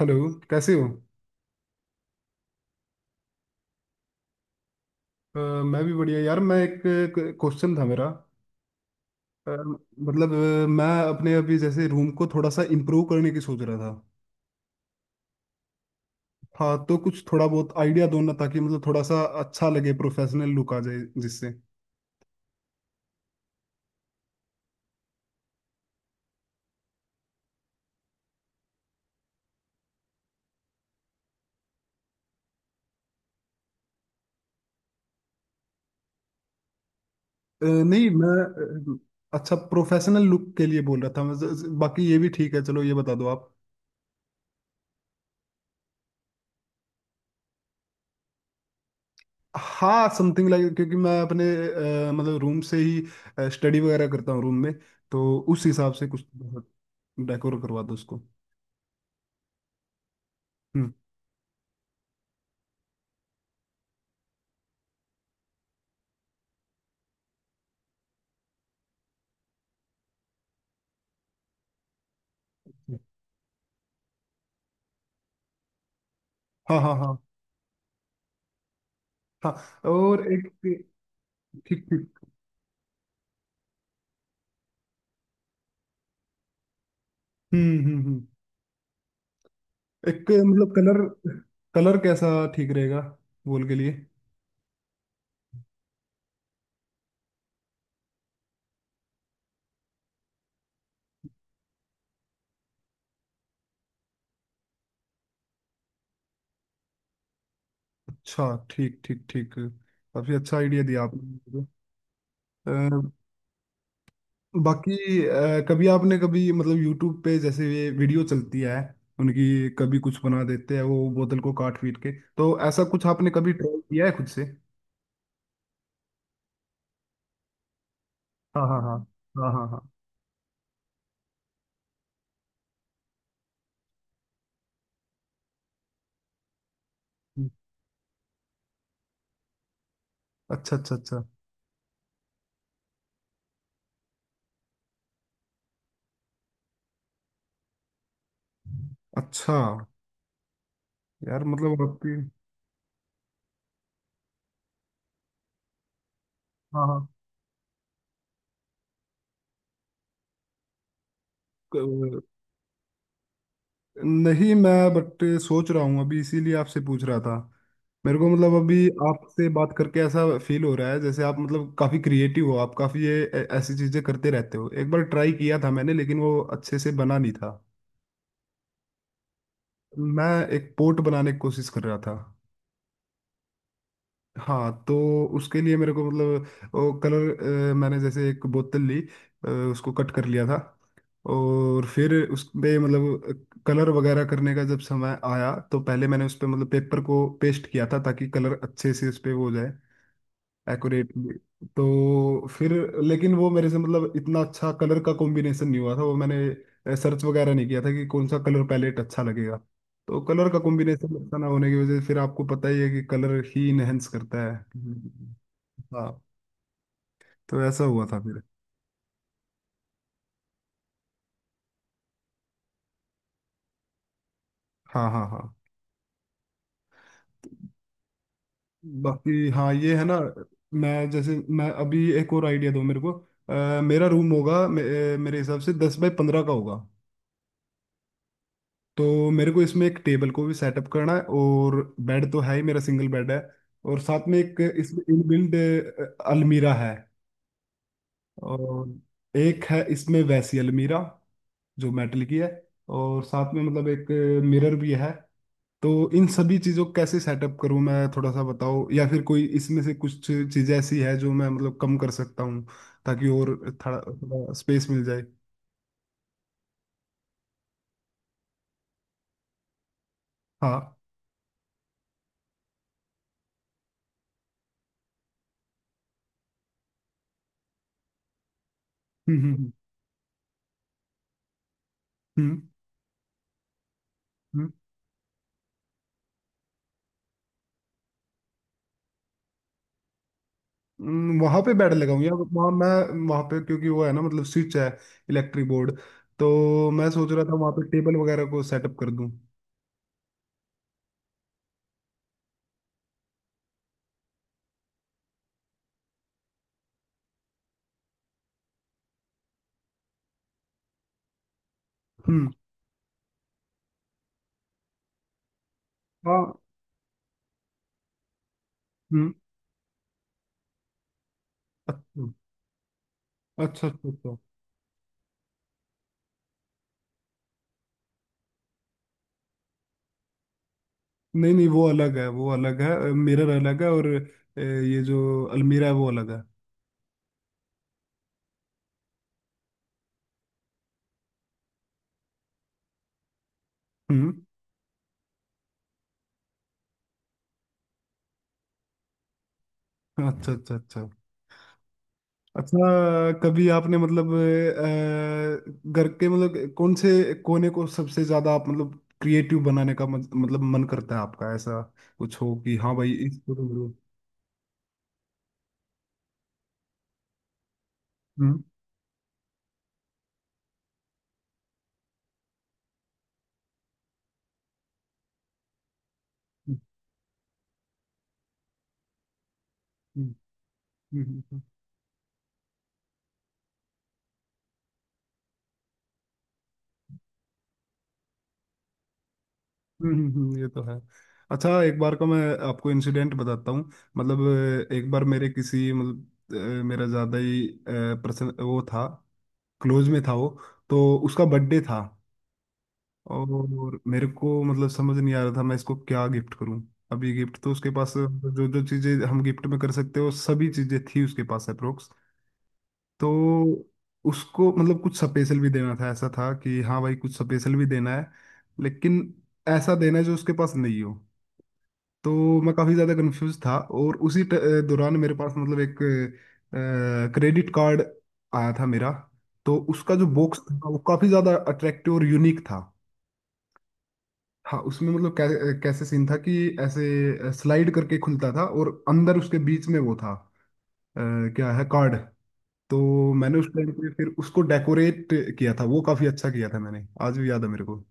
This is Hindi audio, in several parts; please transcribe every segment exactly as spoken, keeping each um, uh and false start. हेलो। कैसे हो? अ, मैं भी बढ़िया यार। मैं एक क्वेश्चन था मेरा। अ, मतलब अ, मैं अपने अभी जैसे रूम को थोड़ा सा इम्प्रूव करने की सोच रहा था। हाँ तो कुछ थोड़ा बहुत आइडिया दो ना, ताकि मतलब थोड़ा सा अच्छा लगे, प्रोफेशनल लुक आ जाए, जिससे अ, नहीं, मैं अ, अच्छा, प्रोफेशनल लुक के लिए बोल रहा था मैं। ज- ज- बाकी ये भी ठीक है, चलो ये बता दो आप। हाँ, समथिंग लाइक, क्योंकि मैं अपने अ, मतलब रूम से ही स्टडी वगैरह करता हूँ रूम में। तो उस हिसाब से कुछ डेकोर करवा दो उसको। हम्म। हाँ, हाँ, हाँ। हाँ, और एक। ठीक, ठीक। हम्म, हम्म, हम्म। एक मतलब कलर। कलर कैसा ठीक रहेगा वॉल के लिए? अच्छा, ठीक ठीक ठीक, काफी अच्छा आइडिया दिया आपने मुझे। अ, बाकी अ, कभी आपने कभी मतलब यूट्यूब पे जैसे ये वीडियो चलती है, उनकी कभी कुछ बना देते हैं वो, बोतल को काट पीट के। तो ऐसा कुछ आपने कभी ट्राई किया है खुद से? हाँ, हाँ, हाँ। हाँ, हाँ, हाँ। हम्म, अच्छा, अच्छा, अच्छा। अच्छा, यार मतलब आपकी। हाँ, हाँ। क- नहीं, मैं बट सोच रहा हूँ अभी, इसीलिए आपसे पूछ रहा था। मेरे को मतलब अभी आपसे बात करके ऐसा फील हो रहा है जैसे आप मतलब काफी क्रिएटिव हो, आप काफी ये ऐ- ऐसी चीजें करते रहते हो। एक बार ट्राई किया था मैंने, लेकिन वो अच्छे से बना नहीं था। मैं एक पोर्ट बनाने की कोशिश कर रहा था। हाँ तो उसके लिए मेरे को मतलब वो कलर, मैंने जैसे एक बोतल ली, अ, उसको कट कर लिया था। और फिर उस पे मतलब कलर वगैरह करने का जब समय आया तो पहले मैंने उस पे मतलब पेपर को पेस्ट किया था, ताकि कलर अच्छे से उस पे वो हो जाए, एक्यूरेटली। तो फिर, लेकिन वो मेरे से मतलब इतना अच्छा कलर का कॉम्बिनेशन नहीं हुआ था, वो मैंने सर्च वगैरह नहीं किया था कि कौन सा कलर पैलेट अच्छा लगेगा। तो कलर का कॉम्बिनेशन अच्छा ना होने की वजह से फिर, आपको पता ही है कि कलर ही इनहेंस करता है। हम्म। हाँ, तो ऐसा हुआ था फिर। हाँ, हाँ, हाँ। बाकी, हाँ, ये है ना। मैं जैसे मैं अभी एक और आइडिया दूँ मेरे को, अ, मेरा रूम होगा मे, अ, मेरे हिसाब से दस बाय पंद्रह का होगा। तो मेरे को इसमें एक टेबल को भी सेटअप करना है, और बेड तो है ही, मेरा सिंगल बेड है, और साथ में एक इसमें इनबिल्ट अलमीरा है, और एक है इसमें वैसी अलमीरा जो मेटल की है, और साथ में मतलब एक मिरर भी है। तो इन सभी चीज़ों को कैसे सेटअप करूं मैं, थोड़ा सा बताओ, या फिर कोई इसमें से कुछ चीज़ें ऐसी है जो मैं मतलब कम कर सकता हूं, ताकि और थोड़ा थोड़ा स्पेस मिल जाए। हाँ, हम्म, हम्म, हम्म, हम्म, हम्म। वहां पे बैड लगाऊंगी अब, वहां मैं, वहां पे क्योंकि वो है ना मतलब स्विच है, इलेक्ट्रिक बोर्ड, तो मैं सोच रहा था वहां पे टेबल वगैरह को सेटअप कर दूं। हम्म, हाँ, हम्म, अच्छा, अच्छा, अच्छा, अच्छा। नहीं, नहीं, वो अलग है, वो अलग है, मिरर अलग है, और अ, ये जो अलमीरा है वो अलग है। हम्म, अच्छा, अच्छा, अच्छा। अच्छा, कभी आपने मतलब अ, घर के मतलब कौन से कोने को सबसे ज्यादा आप मतलब क्रिएटिव बनाने का मत- मतलब मन करता है? आपका ऐसा कुछ हो कि हाँ भाई इस, हम्म। हम्म, हम्म, हम्म, हम्म, हम्म, हम्म, हम्म, ये तो है। अच्छा, एक बार का मैं आपको इंसिडेंट बताता हूँ। मतलब, अ, एक बार मेरे किसी मतलब, अ, मेरा ज्यादा ही पर्सन वो था, क्लोज में था वो। तो उसका बर्थडे था। और मेरे को मतलब समझ नहीं आ रहा था मैं इसको क्या गिफ्ट करूं। अभी गिफ्ट तो उसके पास मतलब, जो जो चीजें हम गिफ्ट में कर सकते हो सभी चीजें थी उसके पास, अप्रोक्स। तो उसको मतलब कुछ स्पेशल भी देना था, ऐसा था कि हाँ भाई कुछ स्पेशल भी देना है, लेकिन ऐसा देना है जो उसके पास नहीं हो। तो मैं काफी ज्यादा कंफ्यूज था, और उसी ट- दौरान मेरे पास मतलब एक क्रेडिट कार्ड आया था मेरा। तो उसका जो बॉक्स था, वो काफी ज्यादा अट्रैक्टिव और यूनिक था। हाँ, उसमें मतलब कै, कैसे सीन था कि ऐसे स्लाइड करके खुलता था, और अंदर उसके बीच में वो था, अ, क्या है, कार्ड। तो मैंने उस टाइम पे फिर उसको डेकोरेट किया था। वो काफी अच्छा किया था मैंने, आज भी याद है मेरे को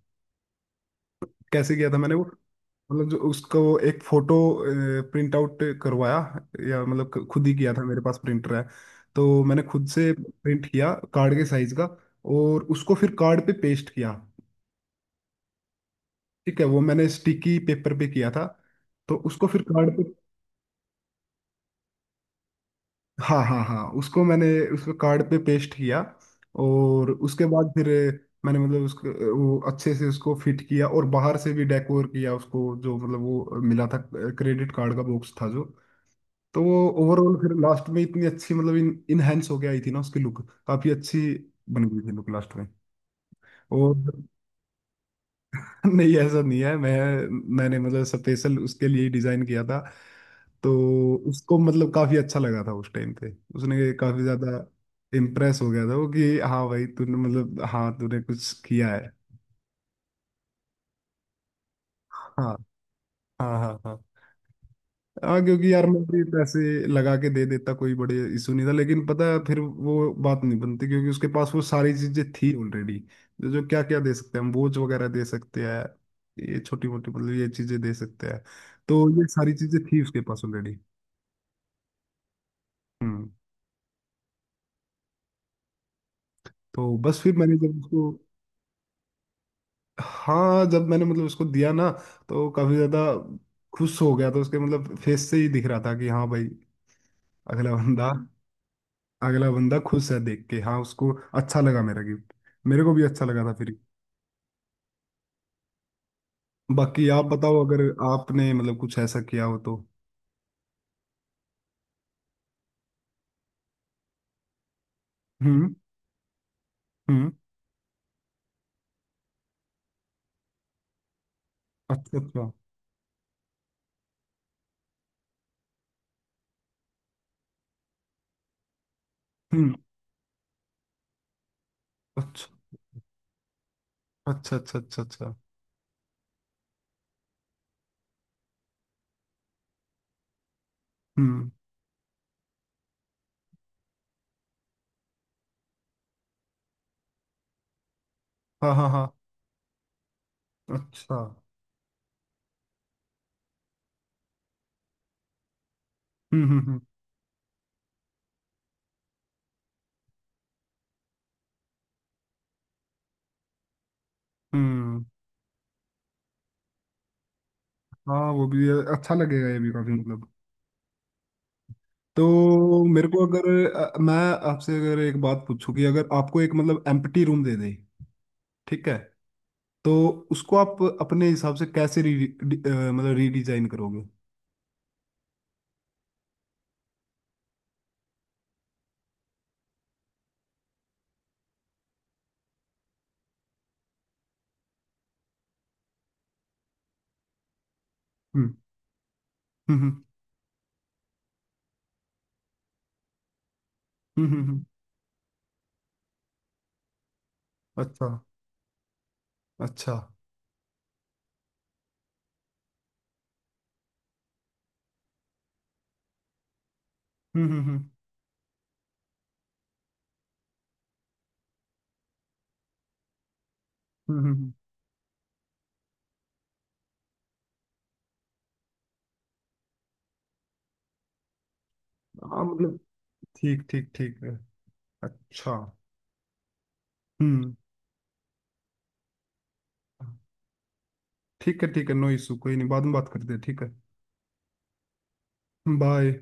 कैसे किया था मैंने वो। मतलब, जो उसको एक फोटो प्रिंट आउट करवाया, या मतलब ख- खुद ही किया था, मेरे पास प्रिंटर है, तो मैंने खुद से प्रिंट किया कार्ड के साइज का, और उसको फिर कार्ड पे पेस्ट किया। ठीक है, वो मैंने स्टिकी पेपर पे किया था, तो उसको फिर कार्ड पे। हाँ, हाँ, हाँ, उसको मैंने उसको कार्ड पे पेस्ट किया। और उसके बाद फिर मैंने मतलब उसको वो अच्छे से उसको फिट किया, और बाहर से भी डेकोर किया उसको, जो मतलब वो मिला था क्रेडिट कार्ड का बॉक्स था जो। तो वो ओवरऑल फिर लास्ट में इतनी अच्छी मतलब इन इनहेंस होके आई थी ना उसकी लुक, काफी अच्छी बन गई थी लुक लास्ट में, और नहीं, ऐसा नहीं है। मैं मैंने मतलब स्पेशल उसके लिए डिजाइन किया था। तो उसको मतलब काफी अच्छा लगा था उस टाइम पे, उसने काफी ज्यादा इम्प्रेस हो गया था वो कि हाँ भाई तूने मतलब, हाँ तूने कुछ किया है। हाँ, हाँ, हाँ, हाँ, हाँ, क्योंकि यार मैं भी पैसे लगा के दे देता, कोई बड़े इशू नहीं था, लेकिन पता है फिर वो बात नहीं बनती, क्योंकि उसके पास वो सारी चीजें थी ऑलरेडी। जो जो क्या क्या दे सकते हैं हम, बोझ वगैरह दे सकते हैं, ये छोटी मोटी मतलब ये चीजें दे सकते हैं, तो ये सारी चीजें थी उसके पास ऑलरेडी। हम्म, तो बस फिर मैंने जब उसको, हाँ, जब मैंने मतलब उसको दिया ना, तो काफी ज्यादा खुश हो गया था उसके, मतलब फेस से ही दिख रहा था कि हाँ भाई, अगला बंदा, अगला बंदा खुश है देख के। हाँ, उसको अच्छा लगा मेरा गिफ्ट, मेरे को भी अच्छा लगा था फिर। बाकी आप बताओ अगर आपने मतलब कुछ ऐसा किया हो तो। हम्म, हम्म, अच्छा, अच्छा, हम्म, अच्छा, अच्छा, अच्छा, अच्छा, अच्छा, हम्म, हाँ, हाँ, हाँ, अच्छा, हम्म, हम्म, हम्म, हम्म। हाँ वो भी अच्छा लगेगा, ये भी काफी मतलब, तो मेरे को अगर अ, मैं आपसे अगर एक बात पूछूं कि अगर आपको एक मतलब एम्प्टी रूम दे दे, ठीक है, तो उसको आप अपने हिसाब से कैसे री, डी- अ, मतलब रीडिजाइन करोगे? हम्म, हम्म, हम्म, हम्म, हम्म, अच्छा, अच्छा, हम्म, हम्म, हम्म, हम्म, हम्म। हाँ मतलब, ठीक ठीक, ठीक है, अच्छा, हम्म। ठीक है, ठीक है, नो इशू, कोई नहीं, बाद में बात करते हैं, ठीक है, बाय।